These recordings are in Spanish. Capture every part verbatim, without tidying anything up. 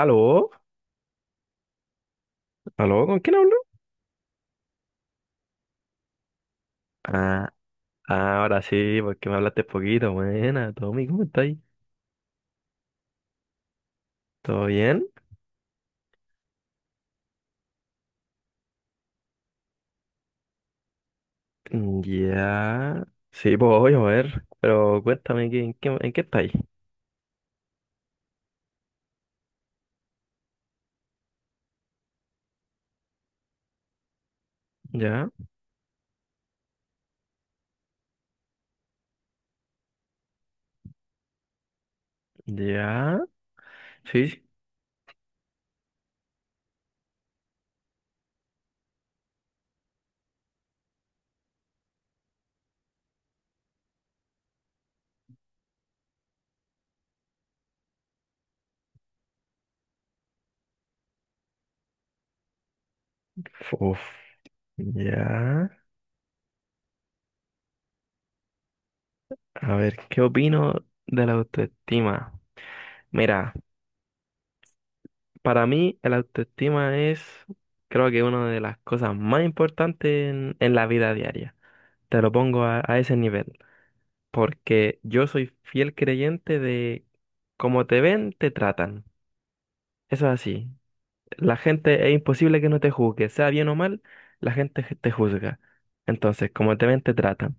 Aló, aló, ¿con quién hablo? Ah, ahora sí, porque me hablaste poquito. Buena, Tommy, ¿cómo estáis? ¿Todo bien? Mm, Ya. Sí, pues voy a ver. Pero cuéntame, ¿qué- ¿en qué, en qué estáis? Ya, ya. Sí, sí. Uf, ya. A ver, ¿qué opino de la autoestima? Mira, para mí, la autoestima es, creo que una de las cosas más importantes en, en la vida diaria. Te lo pongo a a ese nivel. Porque yo soy fiel creyente de como te ven, te tratan. Eso es así. La gente es imposible que no te juzgue, sea bien o mal, la gente je- te juzga. Entonces, como te ven, te tratan.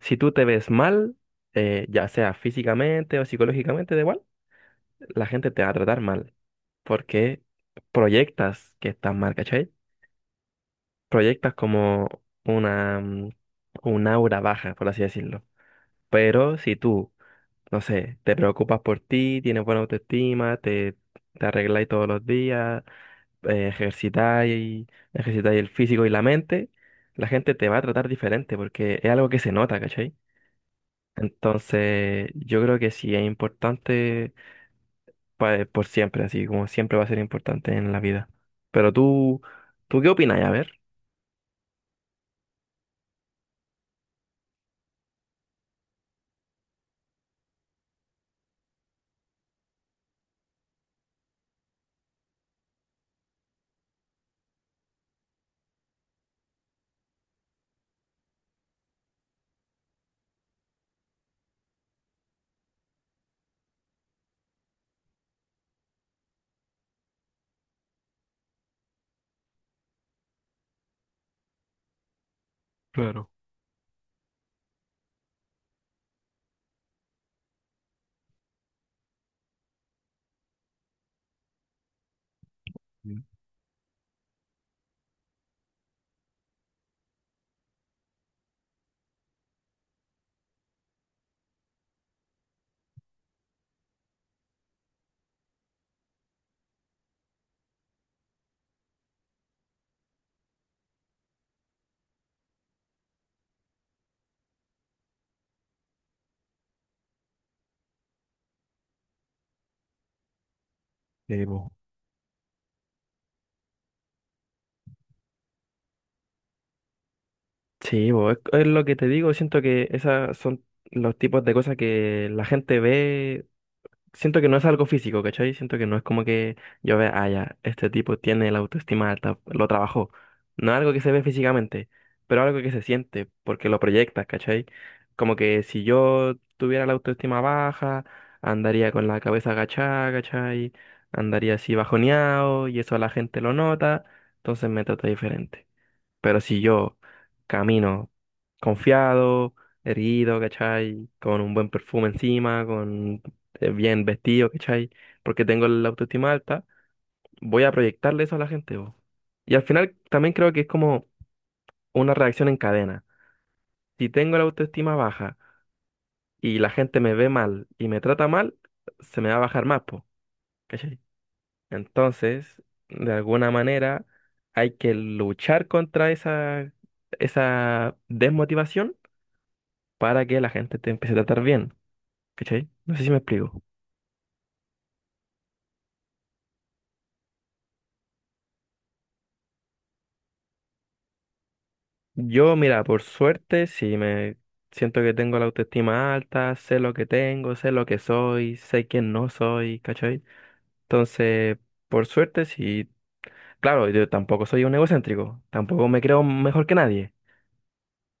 Si tú te ves mal, eh, ya sea físicamente o psicológicamente, da igual, la gente te va a tratar mal, porque proyectas que estás mal, ¿cachai? Proyectas como una, mm, un aura baja, por así decirlo. Pero si tú no sé, te preocupas por ti, tienes buena autoestima, te, te arregláis todos los días, eh, ejercitáis, ejercitáis el físico y la mente, la gente te va a tratar diferente porque es algo que se nota, ¿cachai? Entonces, yo creo que sí es importante pa- por siempre, así como siempre va a ser importante en la vida. Pero tú, ¿tú qué opinas? A ver. Claro. Sí. Eh, Sí, bo, es, es lo que te digo, siento que esas son los tipos de cosas que la gente ve, siento que no es algo físico, ¿cachai? Siento que no es como que yo vea, ah, ya, este tipo tiene la autoestima alta, lo trabajó. No es algo que se ve físicamente, pero algo que se siente, porque lo proyectas, ¿cachai? Como que si yo tuviera la autoestima baja, andaría con la cabeza agachada, ¿cachai? Andaría así bajoneado y eso la gente lo nota, entonces me trata diferente. Pero si yo camino confiado, erguido, ¿cachai? Con un buen perfume encima, con eh, bien vestido, ¿cachai? Porque tengo la autoestima alta, voy a proyectarle eso a la gente, po. Y al final también creo que es como una reacción en cadena. Si tengo la autoestima baja y la gente me ve mal y me trata mal, se me va a bajar más, po, ¿cachai? Entonces, de alguna manera, hay que luchar contra esa, esa desmotivación para que la gente te empiece a tratar bien, ¿cachai? No sé si me explico. Yo, mira, por suerte, sí me siento que tengo la autoestima alta, sé lo que tengo, sé lo que soy, sé quién no soy, ¿cachai? Entonces, por suerte, sí, claro, yo tampoco soy un egocéntrico, tampoco me creo mejor que nadie,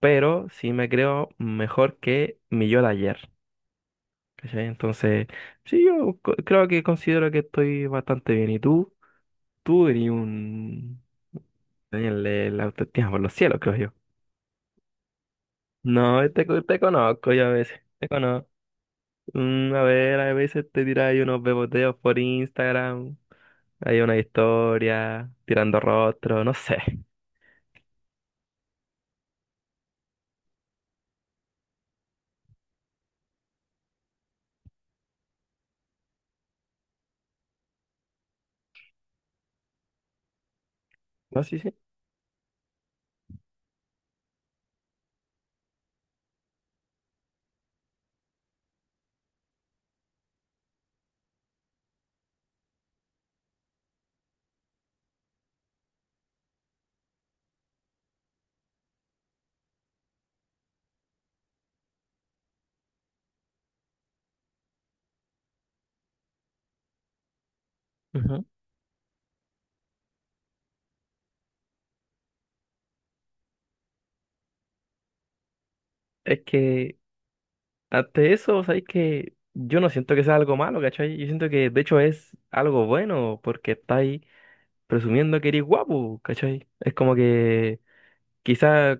pero sí me creo mejor que mi yo de ayer, ¿cachai? Entonces, sí, yo co- creo que considero que estoy bastante bien. ¿Y tú? Tú eres un... Daniel, el autoestima por los cielos, creo yo. No, te, co- te conozco yo a veces, te conozco. Mm, a ver, a veces te tiráis unos beboteos por Instagram, hay una historia, tirando rostro, no sé. No, sí, sí. Ujú. Es que ante eso, sabéis que yo no siento que sea algo malo, ¿cachai? Yo siento que de hecho es algo bueno porque estáis presumiendo que eres guapo, ¿cachai? Es como que quizás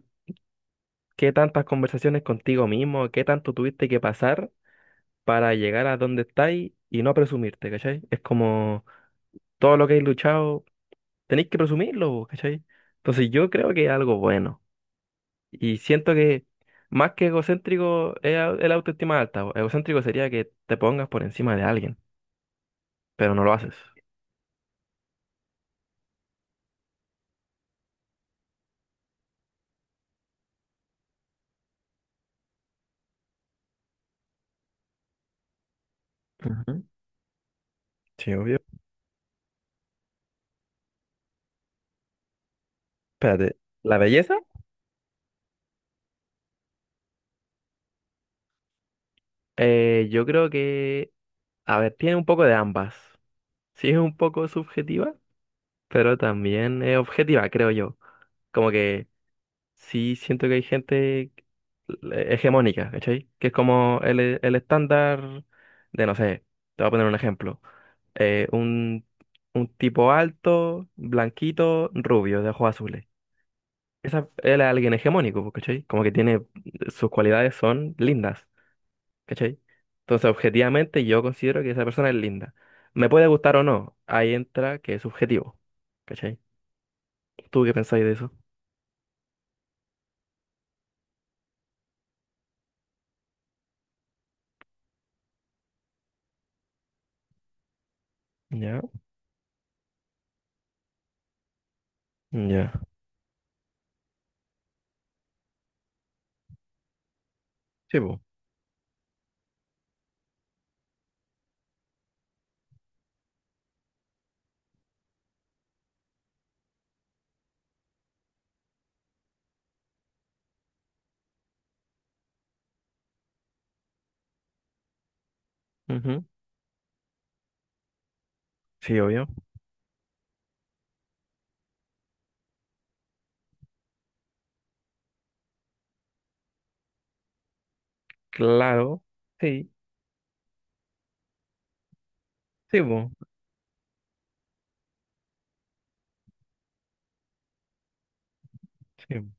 ¿qué tantas conversaciones contigo mismo, qué tanto tuviste que pasar para llegar a donde estáis y no presumirte, ¿cachai? Es como todo lo que he luchado, tenéis que presumirlo, vos, ¿cachai? Entonces yo creo que es algo bueno. Y siento que más que egocéntrico es au- el autoestima alta, po. Egocéntrico sería que te pongas por encima de alguien, pero no lo haces. Ujú. Sí, obvio. Espérate, ¿la belleza? Eh, yo creo que, a ver, tiene un poco de ambas. Sí, es un poco subjetiva, pero también es objetiva, creo yo. Como que sí siento que hay gente hegemónica, ¿cachai? Que es como el, e, el estándar de, no sé, te voy a poner un ejemplo. Eh, un, un tipo alto, blanquito, rubio, de ojos azules. Esa, él es alguien hegemónico, pues, ¿cachai? Como que tiene, sus cualidades son lindas, ¿cachai? Entonces, objetivamente, yo considero que esa persona es linda. Me puede gustar o no, ahí entra que es subjetivo, ¿cachai? ¿Tú qué pensáis de eso? Ya, ya. Sí, po. Ujú. Sí, obvio. Claro. Sí, sí, po. Sí,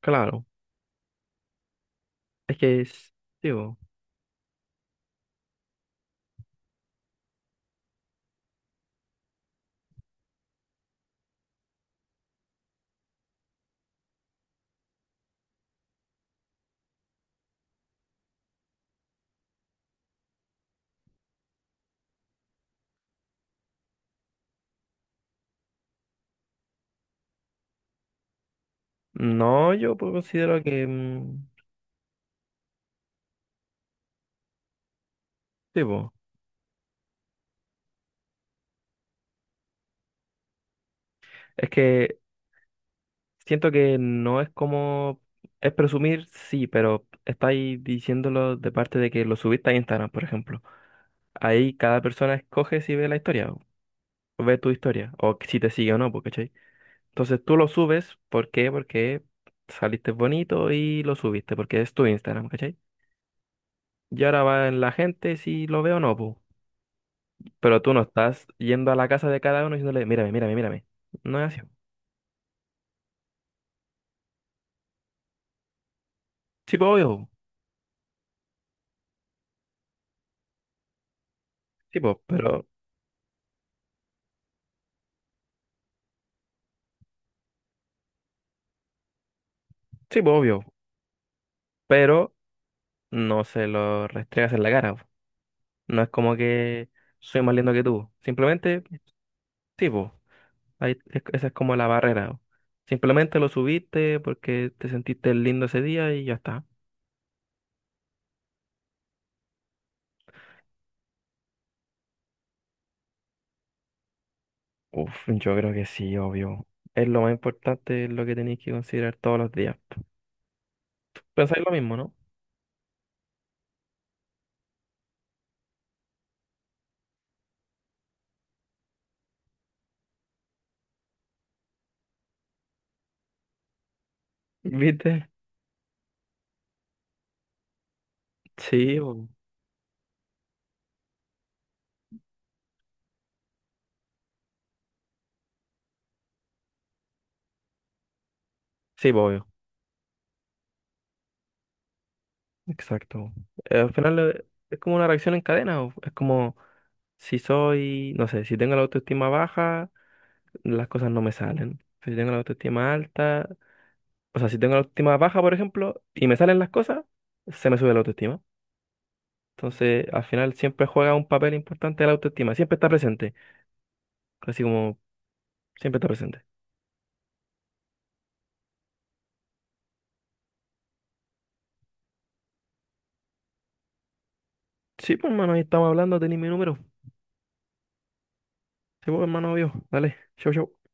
claro. Es que es, sí, po. No, yo pues, considero que, mm, sí, po. Es que siento que no es como, es presumir, sí, pero estáis diciéndolo de parte de que lo subiste a Instagram, por ejemplo. Ahí cada persona escoge si ve la historia, o ve tu historia, o si te sigue o no, po, ¿cachai? Entonces tú lo subes, ¿por qué? Porque saliste bonito y lo subiste, porque es tu Instagram, ¿cachai? Y ahora va en la gente si lo veo o no, pu. Pero tú no estás yendo a la casa de cada uno diciéndole, mírame, mírame, mírame. No es así. Sí, pues obvio, pu. Sí, pues, pero, sí, pues obvio, pero no se lo restregas en la cara, pu. No es como que soy más lindo que tú. Simplemente, sí, pues, ahí es- esa es como la barrera, pu. Simplemente lo subiste porque te sentiste lindo ese día y ya está. Uf, yo creo que sí, obvio. Es lo más importante, es lo que tenéis que considerar todos los días. Pensáis lo mismo, ¿no? ¿Viste? Sí, bo- sí, bo, obvio. Exacto. Eh, al final eh, es como una reacción en cadena. O Es como si soy, no sé, si tengo la autoestima baja, las cosas no me salen. Si tengo la autoestima alta, o sea, si tengo la autoestima baja, por ejemplo, y me salen las cosas, se me sube la autoestima. Entonces, al final siempre juega un papel importante la autoestima. Siempre está presente. Así como siempre está presente. Sí, pues, hermano, ahí estamos hablando, tenéis mi número. Sí, pues, hermano, obvio. Dale, chau, chau.